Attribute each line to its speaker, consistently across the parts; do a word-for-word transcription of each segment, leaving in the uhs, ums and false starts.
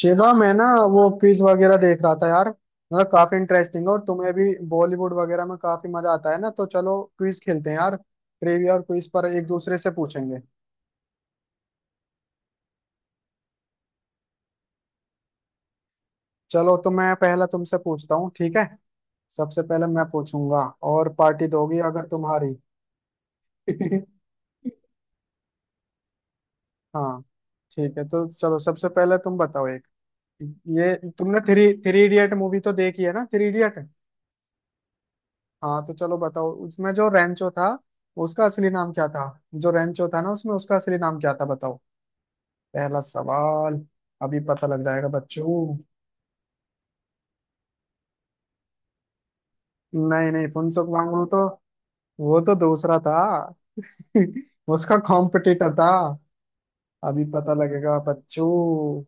Speaker 1: शिवा मैं ना वो क्विज वगैरह देख रहा था यार। मतलब काफी इंटरेस्टिंग, और तुम्हें भी बॉलीवुड वगैरह में काफी मजा आता है ना। तो चलो क्विज खेलते हैं यार, ट्रिविया और क्विज पर एक दूसरे से पूछेंगे। चलो, तो मैं पहला तुमसे पूछता हूँ, ठीक है। सबसे पहले मैं पूछूंगा, और पार्टी दोगी अगर तुम्हारी। हाँ, ठीक है। तो चलो सबसे पहले तुम बताओ एक। ये तुमने थ्री थ्री इडियट मूवी तो देखी है ना, थ्री इडियट। हाँ तो चलो बताओ, उसमें जो रेंचो था उसका असली नाम क्या था। जो रेंचो था ना उसमें, उसका असली नाम क्या था, बताओ। पहला सवाल। अभी पता लग जाएगा बच्चों। नहीं नहीं, फुनसुक वांगड़ू तो वो तो दूसरा था। उसका कॉम्पिटिटर था। अभी पता लगेगा बच्चों।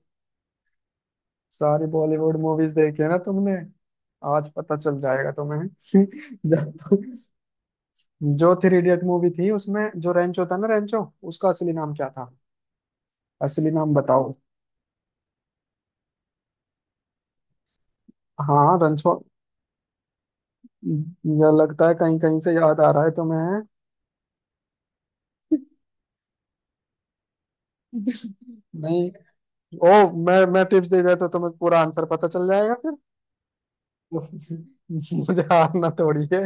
Speaker 1: सारी बॉलीवुड मूवीज देखी है ना तुमने। आज पता चल जाएगा तुम्हें। जब जो थ्री इडियट मूवी थी उसमें, जो रेंचो था ना रेंचो, उसका असली नाम क्या था। असली नाम बताओ। हाँ, रणछोड़ या लगता है, कहीं कहीं से याद आ रहा है तुम्हें। नहीं। ओ, मैं मैं टिप्स दे देता तो तुम्हें पूरा आंसर पता चल जाएगा फिर। मुझे हारना थोड़ी है।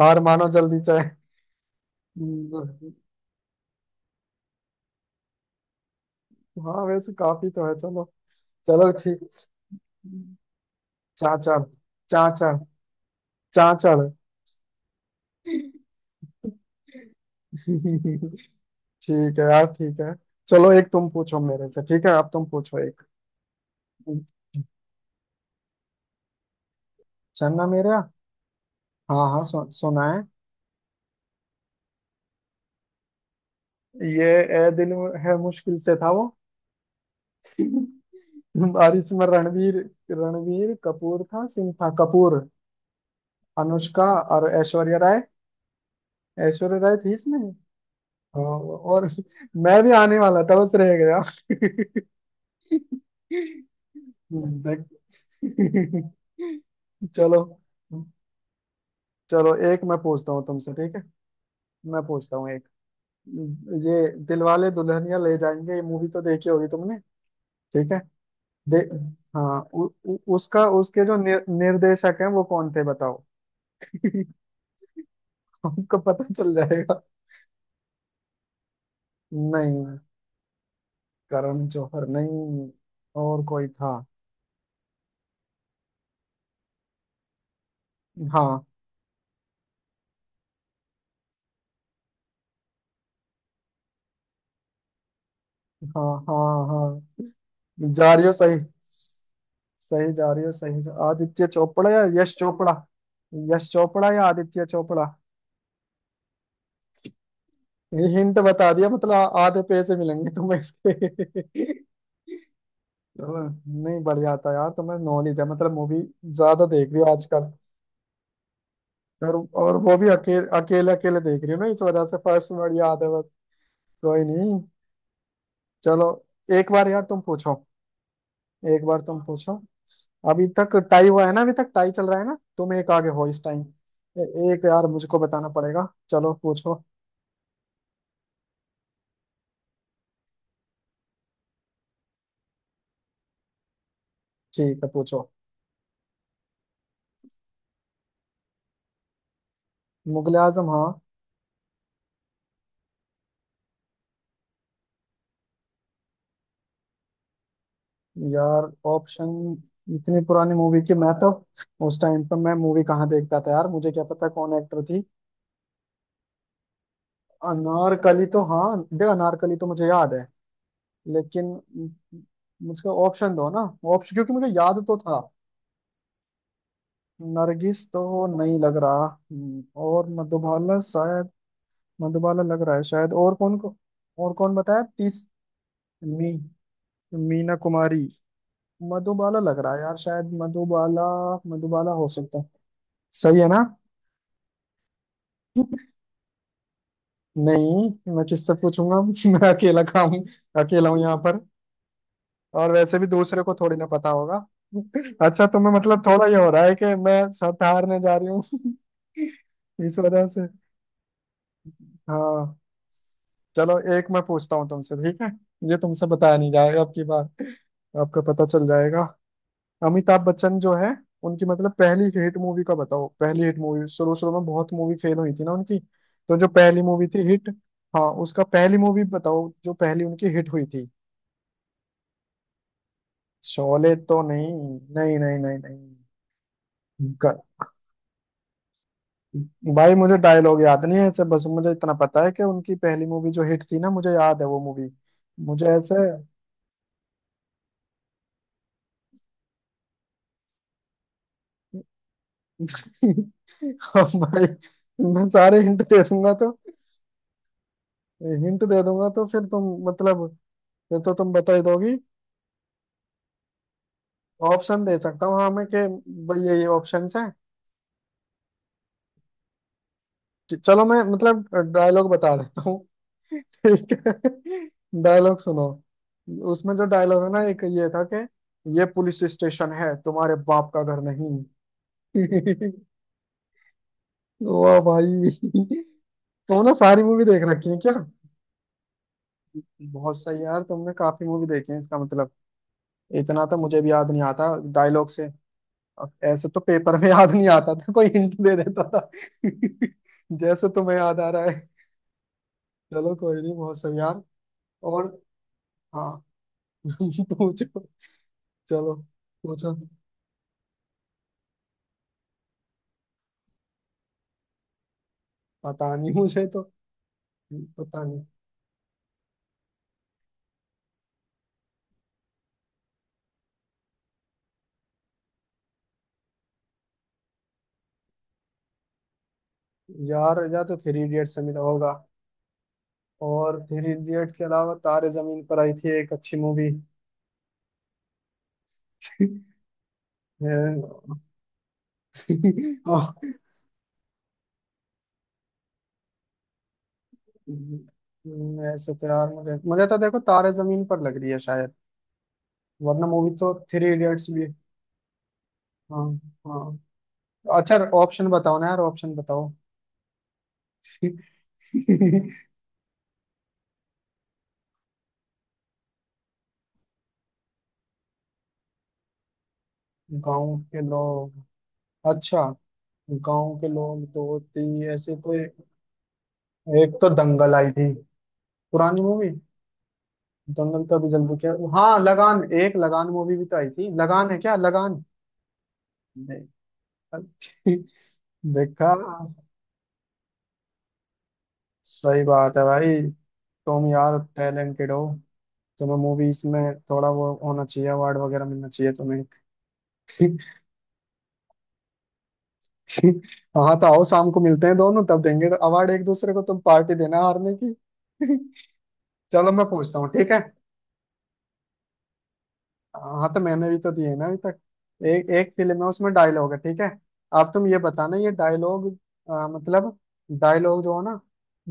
Speaker 1: हार मानो जल्दी से। हाँ वैसे काफी तो है, चलो। चलो ठीक। चाचड़, चाचड़, चाचड़। ठीक है यार, ठीक है। चलो एक तुम पूछो मेरे से, ठीक है, अब तुम पूछो एक। चलना मेरा। हाँ हाँ, सु, सुना है। ये ए दिल है मुश्किल से था वो। और इसमें रणवीर, रणवीर कपूर था, सिंह था, कपूर। अनुष्का और ऐश्वर्या राय, ऐश्वर्या राय थी इसमें। और और मैं भी आने वाला था, बस रह गया। देख। चलो। चलो एक मैं पूछता हूँ तुमसे, ठीक है। मैं पूछता हूँ एक। ये दिलवाले दुल्हनिया ले जाएंगे, ये मूवी तो देखी होगी तुमने। ठीक है दे। हाँ, उ, उ, उसका उसके जो निर, निर्देशक हैं वो कौन थे बताओ। हमको पता चल जाएगा। नहीं, करण जौहर नहीं। और कोई था। हाँ हाँ हाँ। हाँ जा रही हो सही, सही जा रही हो, सही जा, आदित्य चोपड़ा या यश चोपड़ा। यश चोपड़ा या आदित्य चोपड़ा। ये हिंट बता दिया मतलब, आ- आधे पैसे मिलेंगे तुम्हें इसके। चलो, नहीं बढ़िया था यार, तुम्हें नॉलेज है मतलब। मूवी ज्यादा देख रही हो आजकल। और और वो भी अकेले अकेले अकेले देख रही हो ना, इस वजह से फर्स्ट वर्ड याद है बस। कोई नहीं। चलो एक बार यार तुम पूछो, एक बार तुम पूछो। अभी तक टाई हुआ है ना, अभी तक टाई चल रहा है ना, तुम एक आगे हो इस टाइम। एक यार मुझको बताना पड़ेगा, चलो पूछो। ठीक है पूछो। मुगले आजम, हाँ। यार ऑप्शन, इतनी पुरानी मूवी की मैं तो, उस टाइम पर मैं मूवी कहाँ देखता था यार, मुझे क्या पता कौन एक्टर थी। अनारकली तो हाँ दे, अनारकली तो मुझे याद है, लेकिन मुझको ऑप्शन दो ना। ऑप्शन, क्योंकि मुझे याद तो था। नरगिस तो नहीं लग रहा। हम्म, और मधुबाला शायद। मधुबाला लग रहा है शायद, और कौन को, और कौन बताया तीस। मी मीना कुमारी। मधुबाला लग रहा है यार, शायद मधुबाला। मधुबाला हो सकता है। सही है ना। नहीं, मैं किससे पूछूंगा। मैं अकेला काम, अकेला हूँ यहाँ पर। और वैसे भी दूसरे को थोड़ी ना पता होगा। अच्छा तुम्हें मतलब थोड़ा ये हो रहा है कि मैं सब हारने जा रही हूँ। इस वजह से। हाँ। चलो एक मैं पूछता हूँ तुमसे, ठीक है। ये तुमसे बताया नहीं जाएगा अब की बार। आपका पता चल जाएगा। अमिताभ बच्चन जो है, उनकी मतलब पहली हिट मूवी का बताओ, पहली हिट मूवी। शुरू शुरू में बहुत मूवी फेल हुई थी ना उनकी, तो जो पहली मूवी थी हिट। हाँ, उसका पहली मूवी बताओ, जो पहली उनकी हिट हुई थी। शोले तो नहीं। नहीं नहीं नहीं नहीं। ग- भाई मुझे डायलॉग याद नहीं है ऐसे, बस मुझे इतना पता है कि उनकी पहली मूवी जो हिट थी ना, मुझे याद है वो मूवी। मुझे ऐसे। हाँ भाई, मैं सारे हिंट दे दूंगा तो। हिंट दे दूंगा तो फिर तुम मतलब, फिर तो तुम बता ही दोगी। ऑप्शन दे सकता हूँ हाँ मैं कि, भाई ये ये ऑप्शंस हैं। च- चलो मैं मतलब डायलॉग बता देता हूँ। ठीक है डायलॉग सुनो। उसमें जो डायलॉग है ना एक ये था कि, ये पुलिस स्टेशन है, तुम्हारे बाप का घर नहीं। वाह भाई। तुम ना सारी मूवी देख रखी है क्या। बहुत सही यार, तुमने काफी मूवी देखी है इसका मतलब। इतना तो मुझे भी याद नहीं आता डायलॉग से। अब ऐसे तो पेपर में याद नहीं आता था, कोई हिंट दे देता था। जैसे तुम्हें याद आ रहा है। चलो कोई नहीं, बहुत सही यार। और हाँ। पूछो, चलो पूछो। पता नहीं मुझे तो। पता नहीं यार, या तो थ्री इडियट से मिला होगा, और थ्री इडियट के अलावा तारे जमीन पर आई थी एक अच्छी मूवी। ऐसे तो यार मुझे मुझे तो देखो तारे जमीन पर लग रही है शायद, वरना मूवी तो थ्री इडियट्स भी। हाँ हाँ। अच्छा ऑप्शन बताओ ना यार, ऑप्शन बताओ। गांव के लोग, अच्छा। गांव के लोग दो तीन ऐसे तो। एक तो दंगल आई थी, पुरानी मूवी। दंगल का भी जल्दी क्या, हाँ लगान, एक लगान मूवी भी तो आई थी, लगान है क्या, लगान। देखा। देखा। सही बात है भाई। तुम यार टैलेंटेड हो, तुम्हें मूवीज में थोड़ा वो होना चाहिए, अवार्ड वगैरह मिलना चाहिए तुम्हें। हाँ तो आओ शाम को मिलते हैं दोनों, तब देंगे अवार्ड एक दूसरे को, तुम पार्टी देना हारने की। चलो मैं पूछता हूँ, ठीक है। हाँ तो मैंने भी तो दिए ना अभी तक। एक, एक फिल्म है उसमें डायलॉग है ठीक है। आप, तुम ये बताना ये डायलॉग। आ, मतलब, डायलॉग जो है ना,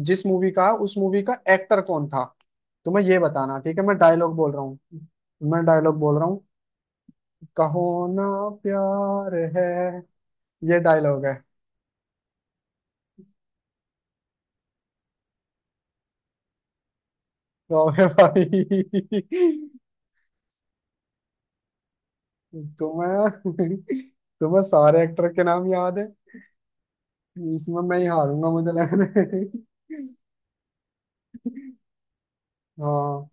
Speaker 1: जिस मूवी का, उस मूवी का एक्टर कौन था। तुम्हें ये बताना, ठीक है मैं डायलॉग बोल रहा हूँ। मैं डायलॉग बोल रहा हूँ। कहो ना प्यार है, ये डायलॉग है। तो भाई। तुम्हें, तुम्हें सारे एक्टर के नाम याद है। इसमें मैं ही हारूंगा मुझे लग रहा है। हाँ।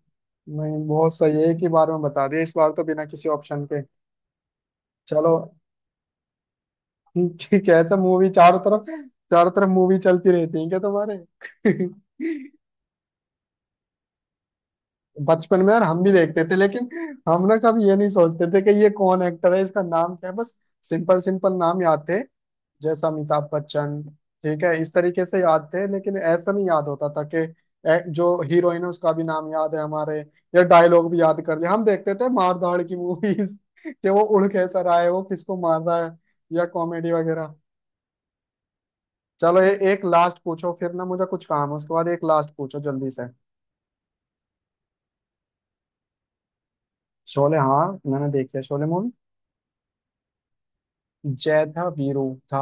Speaker 1: नहीं बहुत सही है, एक ही बार में बता दिया इस बार तो, बिना किसी ऑप्शन के। चलो ठीक है। ऐसा मूवी चारों तरफ, चारों तरफ मूवी चलती रहती है क्या तुम्हारे। बचपन में यार हम भी देखते थे लेकिन, हम ना कभी ये नहीं सोचते थे कि ये कौन एक्टर है, इसका नाम क्या है बस। सिंपल सिंपल नाम याद थे, जैसे अमिताभ बच्चन, ठीक है इस तरीके से याद थे। लेकिन ऐसा नहीं याद होता था कि, ए- जो हीरोइन है उसका भी नाम याद है हमारे, या डायलॉग भी याद कर लिया। हम देखते थे मार धाड़ की मूवीज। कि वो उड़ कैसा रहा है, वो किसको मार रहा है, या कॉमेडी वगैरह। चलो ये एक लास्ट पूछो फिर ना, मुझे कुछ काम है उसके बाद, एक लास्ट पूछो जल्दी से। शोले हाँ, मैंने देखी है शोले। जय था, वीरू था।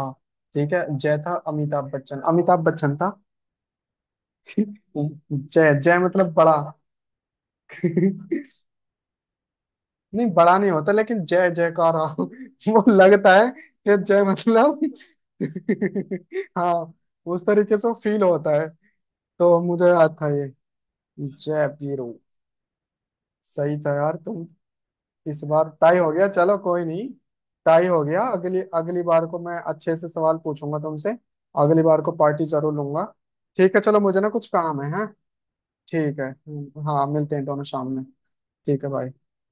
Speaker 1: ठीक है, जय था अमिताभ बच्चन, अमिताभ बच्चन था। जय, जय मतलब बड़ा। नहीं बड़ा नहीं होता लेकिन, जय जयकार वो लगता है कि जय मतलब। हाँ उस तरीके से फील होता है। तो मुझे याद था ये, जय वीरू। सही था यार तुम। इस बार टाई हो गया, चलो कोई नहीं। टाई हो गया, अगली अगली बार को मैं अच्छे से सवाल पूछूंगा तुमसे। अगली बार को पार्टी जरूर लूंगा। ठीक है चलो मुझे ना कुछ काम है, है? ठीक है। हम्म, हाँ मिलते हैं दोनों शाम में। ठीक है भाई।